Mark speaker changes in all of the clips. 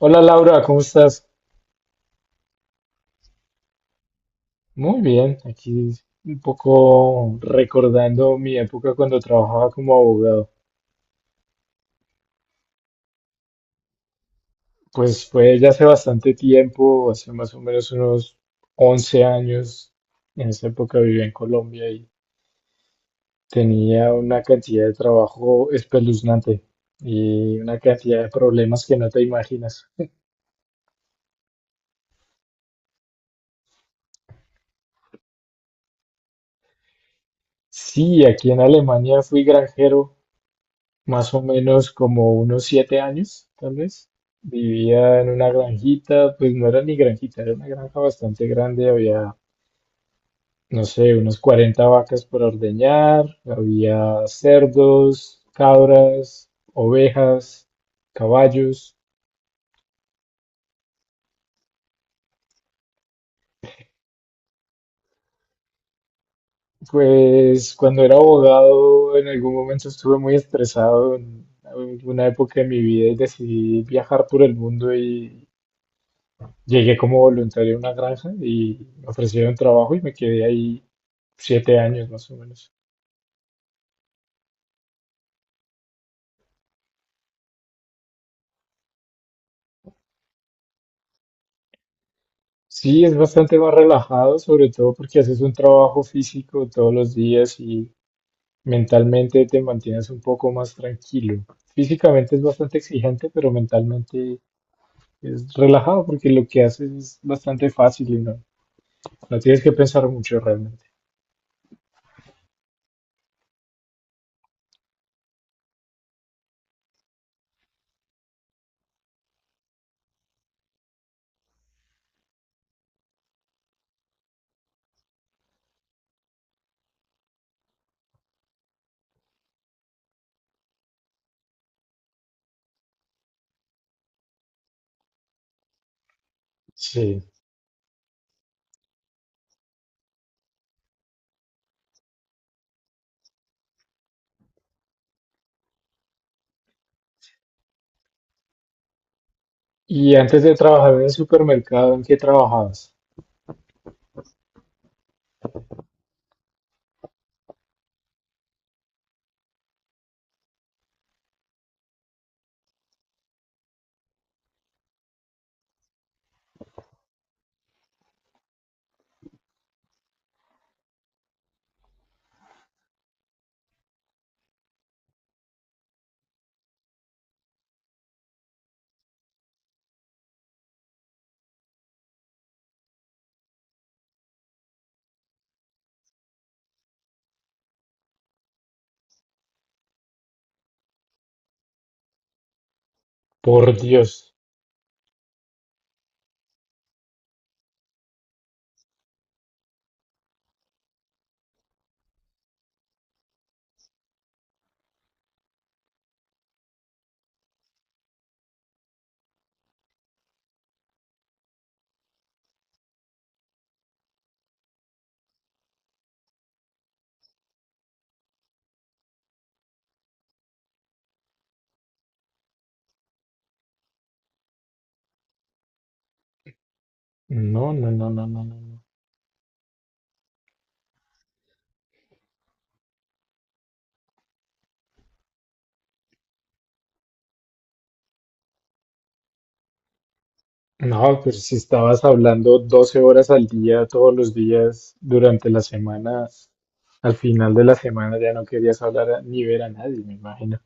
Speaker 1: Hola Laura, ¿cómo estás? Muy bien, aquí un poco recordando mi época cuando trabajaba como abogado. Pues fue ya hace bastante tiempo, hace más o menos unos 11 años. En esa época vivía en Colombia y tenía una cantidad de trabajo espeluznante y una cantidad de problemas que no te imaginas. Sí, aquí en Alemania fui granjero más o menos como unos 7 años, tal vez. Vivía en una granjita, pues no era ni granjita, era una granja bastante grande, había, no sé, unos 40 vacas por ordeñar, había cerdos, cabras, ovejas, caballos. Pues cuando era abogado en algún momento estuve muy estresado en alguna época de mi vida y decidí viajar por el mundo y llegué como voluntario a una granja y me ofrecieron trabajo y me quedé ahí 7 años más o menos. Sí, es bastante más relajado, sobre todo porque haces un trabajo físico todos los días y mentalmente te mantienes un poco más tranquilo. Físicamente es bastante exigente, pero mentalmente es relajado porque lo que haces es bastante fácil y no, no tienes que pensar mucho realmente. Sí. Y antes de trabajar en el supermercado, ¿en qué trabajabas? Por Dios. No, no, no, no, no, no. No. No, pero si estabas hablando 12 horas al día, todos los días, durante la semana, al final de la semana ya no querías hablar ni ver a nadie, me imagino.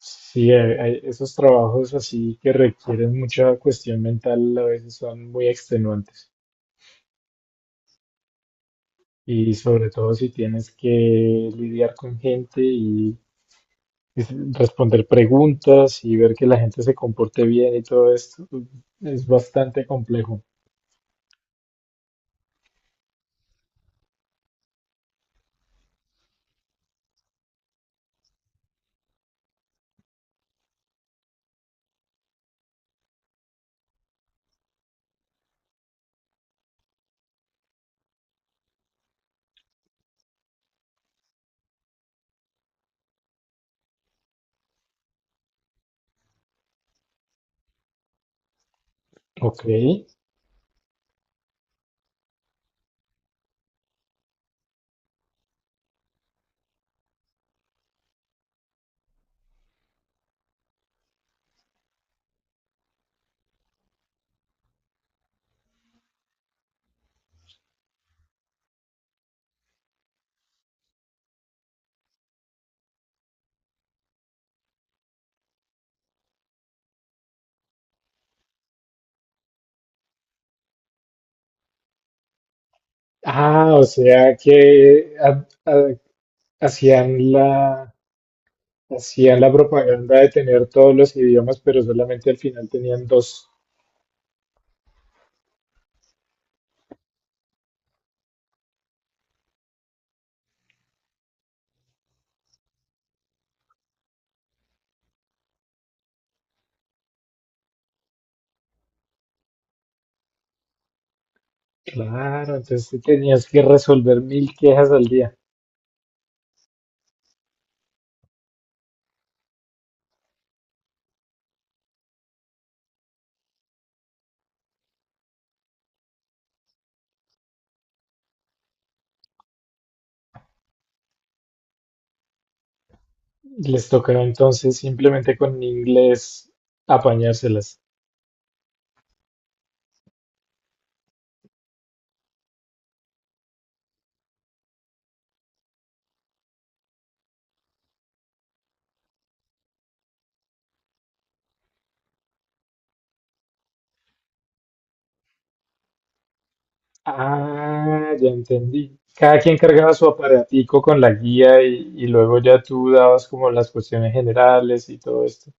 Speaker 1: Sí, esos trabajos así que requieren mucha cuestión mental a veces son muy extenuantes. Y sobre todo si tienes que lidiar con gente y responder preguntas y ver que la gente se comporte bien y todo esto, es bastante complejo. Ok. Ah, o sea que hacían la, hacían la propaganda de tener todos los idiomas, pero solamente al final tenían dos. Claro, entonces tú tenías que resolver 1.000 quejas al día. Les tocaba entonces simplemente con inglés apañárselas. Ah, ya entendí. Cada quien cargaba su aparatico con la guía y luego ya tú dabas como las cuestiones generales y todo esto.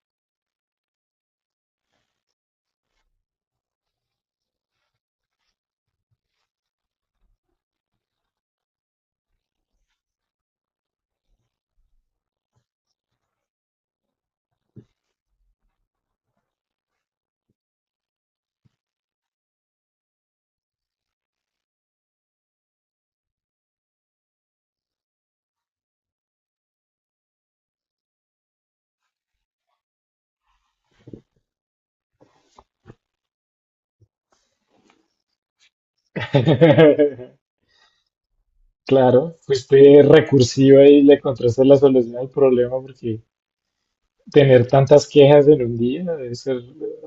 Speaker 1: Claro, fuiste recursiva y le encontraste la solución al problema porque tener tantas quejas en un día debe ser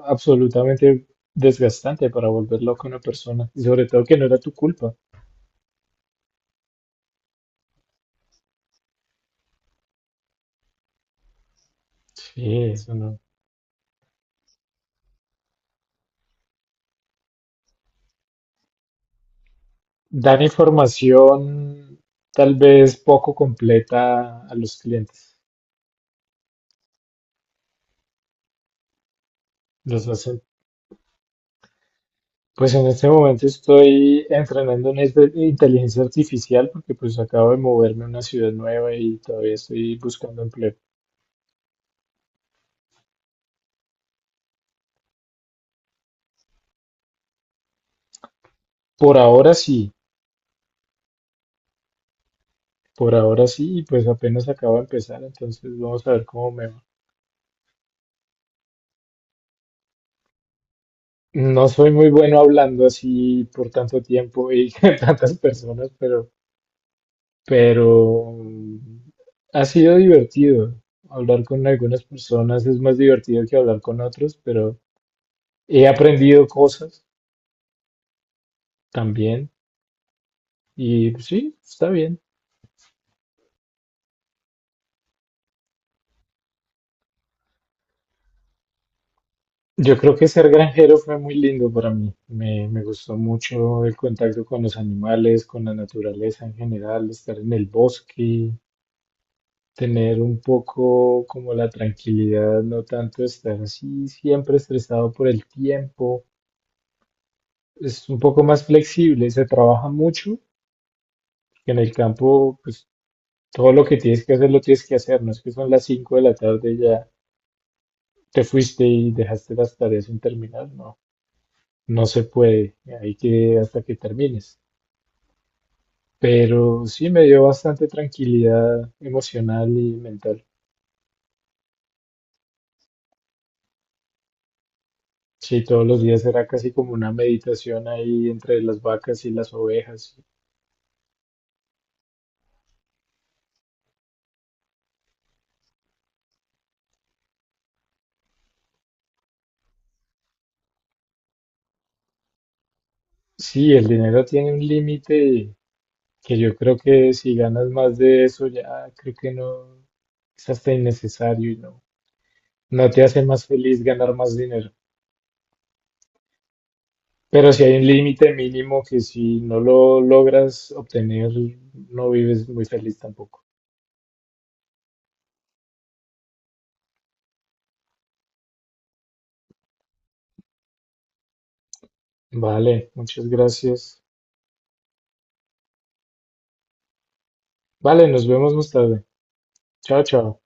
Speaker 1: absolutamente desgastante para volver loca a una persona y sobre todo que no era tu culpa. Sí, eso no. Dar información tal vez poco completa a los clientes. Los hacen. Pues en este momento estoy entrenando en inteligencia artificial porque pues acabo de moverme a una ciudad nueva y todavía estoy buscando empleo. Por ahora sí, por ahora sí, y pues apenas acabo de empezar, entonces vamos a ver cómo me va. No soy muy bueno hablando así por tanto tiempo y con tantas personas, pero ha sido divertido. Hablar con algunas personas es más divertido que hablar con otros, pero he aprendido cosas también y sí, está bien. Yo creo que ser granjero fue muy lindo para mí. Me gustó mucho el contacto con los animales, con la naturaleza en general, estar en el bosque, tener un poco como la tranquilidad, no tanto estar así siempre estresado por el tiempo. Es un poco más flexible, se trabaja mucho, que en el campo, pues todo lo que tienes que hacer lo tienes que hacer, no es que son las 5 de la tarde y ya te fuiste y dejaste las tareas sin terminar, no, no se puede, hay que hasta que termines. Pero sí me dio bastante tranquilidad emocional y mental. Sí, todos los días era casi como una meditación ahí entre las vacas y las ovejas. Sí, el dinero tiene un límite que yo creo que si ganas más de eso ya creo que no es hasta innecesario y no, no te hace más feliz ganar más dinero. Pero si hay un límite mínimo que si no lo logras obtener, no vives muy feliz tampoco. Vale, muchas gracias. Vale, nos vemos más tarde. Chao, chao.